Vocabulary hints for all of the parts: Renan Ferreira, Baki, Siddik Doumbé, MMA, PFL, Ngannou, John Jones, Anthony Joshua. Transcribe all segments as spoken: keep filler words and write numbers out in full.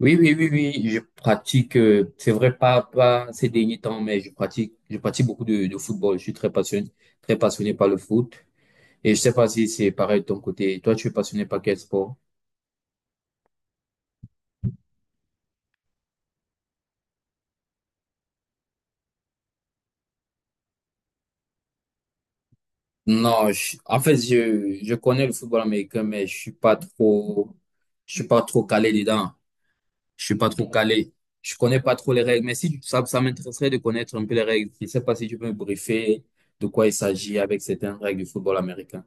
Oui, oui, oui, oui, je pratique, euh, c'est vrai, pas, pas ces derniers temps, mais je pratique, je pratique beaucoup de, de football. Je suis très passionné, très passionné par le foot. Et je sais pas si c'est pareil de ton côté. Toi, tu es passionné par quel sport? Non, je- en fait, je, je connais le football américain, mais je suis pas trop, je suis pas trop calé dedans. Je suis pas trop calé. Je connais pas trop les règles, mais si tu- ça, ça m'intéresserait de connaître un peu les règles. Je sais pas si tu peux me briefer de quoi il s'agit avec certaines règles du football américain.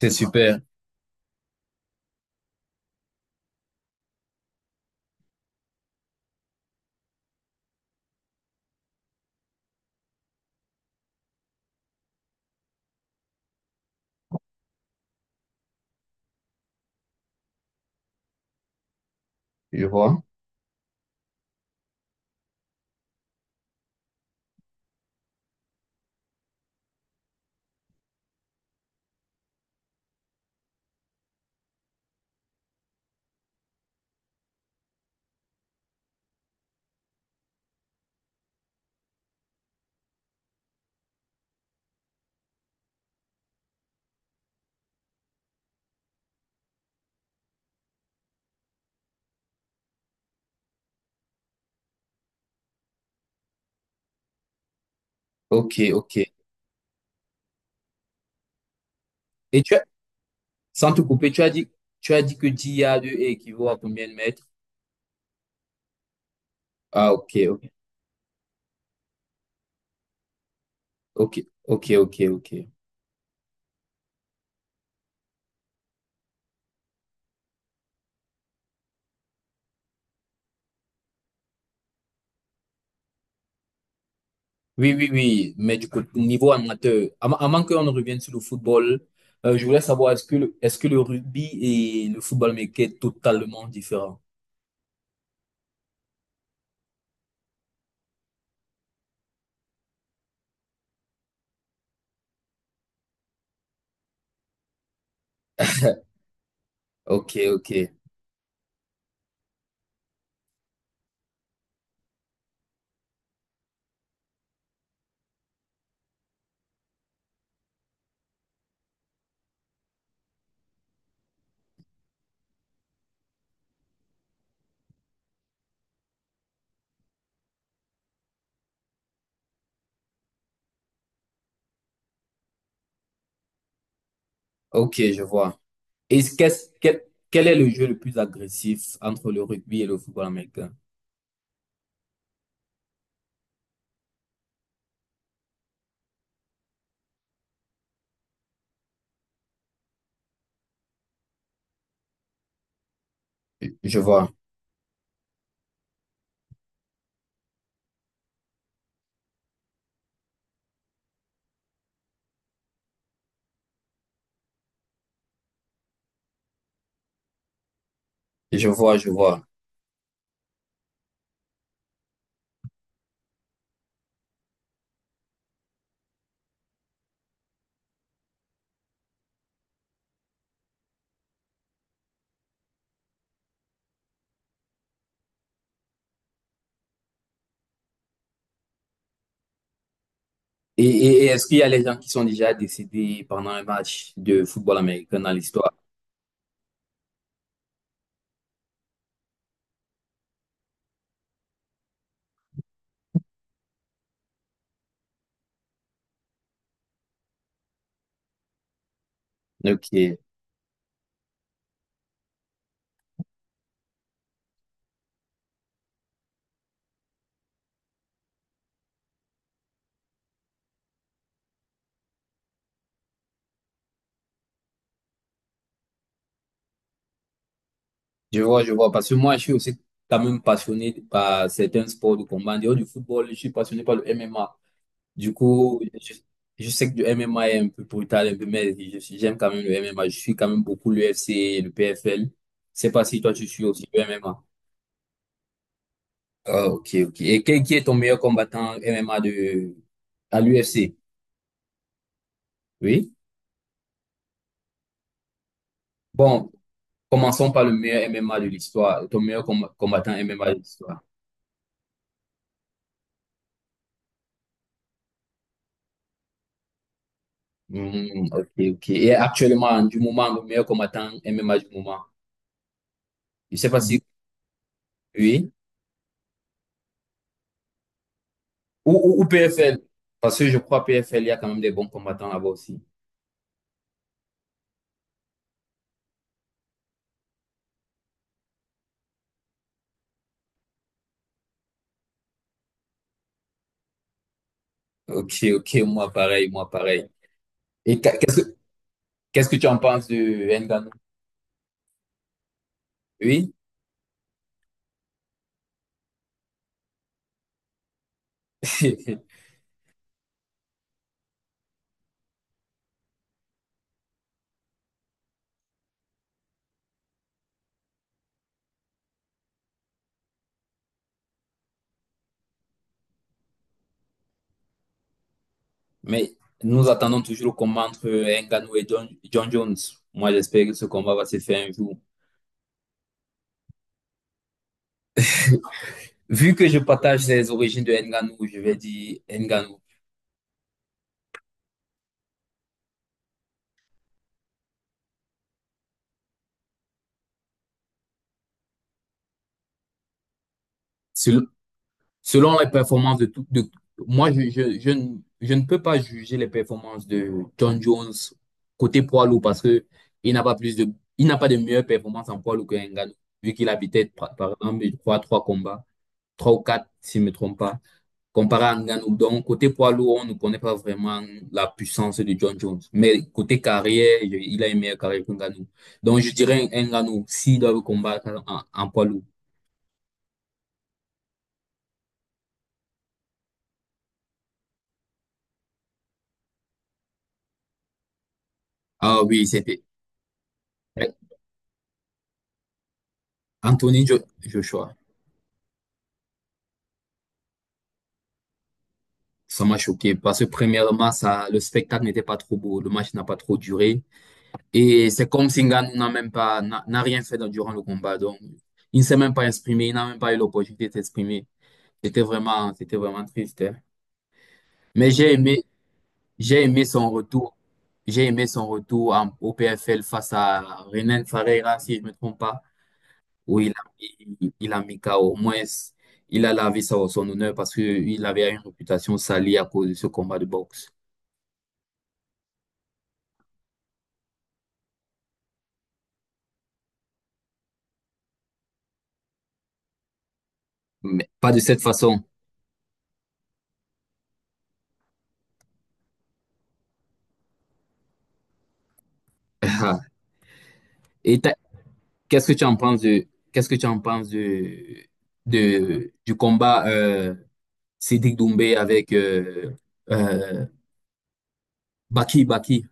C'est super. Je vois. Ok, ok. Et tu as, sans te couper, tu as dit, tu as dit que dix yards équivaut à combien de mètres? Ah, ok, ok, ok, ok, ok, ok. Oui, oui, oui. Mais du coup, niveau amateur, avant, avant qu'on ne revienne sur le football, euh, je voulais savoir, est-ce que le, est-ce que le rugby et le football américain est totalement différent? Ok, ok, ok, je vois. Et qu'est-ce, quel, quel est le jeu le plus agressif entre le rugby et le football américain? Je vois, je vois, je vois. Et, et- et est-ce qu'il y a les gens qui sont déjà décédés pendant un match de football américain dans l'histoire? Ok, je vois, je vois. Parce que moi, je suis aussi quand même passionné par certains sports de combat. En dehors du football, je suis passionné par le M M A. Du coup, je, je sais que le M M A est un peu brutal, un peu, mais je suis- j'aime quand même le M M A. Je suis quand même beaucoup l'U F C, le P F L. Je sais pas si toi, tu suis aussi le M M A. Ah, ok, ok. Et quel, qui est ton meilleur combattant M M A de, à l'U F C? Oui? Bon, commençons par le meilleur M M A de l'histoire, ton meilleur comb- combattant M M A de l'histoire. Hmm, ok, ok. Et actuellement, du moment, le meilleur combattant M M A du moment. Je sais pas si oui. Ou, ou, ou P F L. Parce que je crois P F L, il y a quand même des bons combattants là-bas aussi. Ok, ok, moi pareil, moi pareil. Et qu'est- qu'est-ce que qu'est-ce que tu en penses de Ngannou? Oui, mais nous attendons toujours le combat entre Ngannou et John, John Jones. Moi, j'espère que ce combat va se faire un jour. Vu que je partage les origines de Ngannou, je vais dire Ngannou. Sel- Selon les performances de tout, de, moi, je, je, je, ne je ne peux pas juger les performances de John Jones côté poids lourd parce que il n'a pas plus de, il n'a pas de meilleure performance en poids lourd que Ngannou, vu qu'il a peut-être, par par exemple, je crois, trois combats, trois ou quatre, si je ne me trompe pas. Comparé à Ngannou. Donc, côté poids lourd, on ne connaît pas vraiment la puissance de John Jones. Mais côté carrière, je- il a une meilleure carrière que Ngannou. Donc, je dirais un Ngannou, s'il doit le combattre en, en poids lourd. Ah oui, c'était eh, Anthony Jo- Joshua. Ça m'a choqué parce que premièrement, ça, le spectacle n'était pas trop beau. Le match n'a pas trop duré. Et c'est comme si Ngannou n'a même pas, n'a n'a rien fait dans- durant le combat. Donc, il ne s'est même pas exprimé. Il n'a même pas eu l'opportunité de s'exprimer. C'était vraiment, c'était vraiment triste. Hein. Mais j'ai aimé j'ai aimé son retour. J'ai aimé son retour en- au P F L face à Renan Ferreira, si je ne me trompe pas, où il a, il, il a mis K O. Au moins, il a lavé son, son honneur parce qu'il avait une réputation salie à cause de ce combat de boxe. Mais pas de cette façon. Et t'as- qu'est-ce que tu en penses de, qu'est-ce que tu en penses de, de, du combat euh, Siddik Doumbé avec euh, euh, Baki Baki?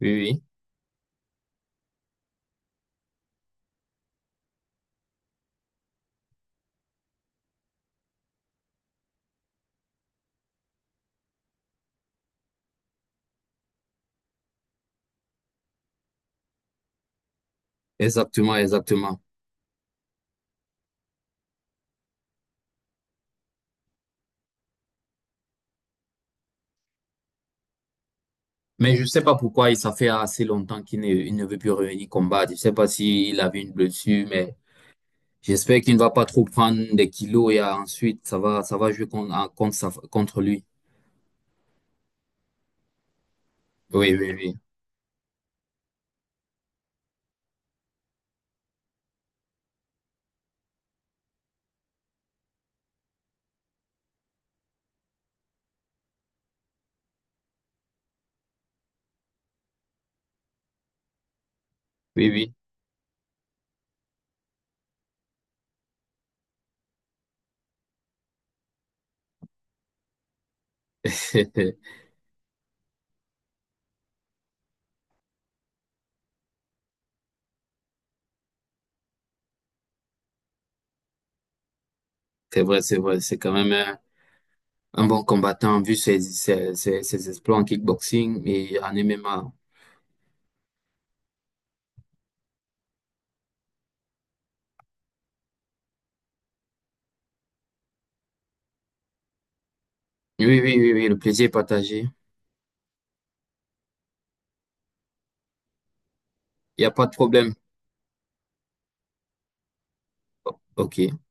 Oui, oui, exactement, exactement. Mais je sais pas pourquoi il ça fait assez longtemps qu'il ne, il ne veut plus revenir combattre. Je sais pas s'il avait une blessure, mais j'espère qu'il ne va pas trop prendre des kilos et euh, ensuite ça va ça va jouer contre en- contre, sa- contre lui. Oui, oui, oui. Oui, oui. C'est vrai, c'est vrai. C'est quand même un, un bon combattant vu ses, ses, ses, ses exploits en kickboxing et en M M A. Oui, oui, oui, oui. Le plaisir est partagé. Il n'y a pas de problème. OK.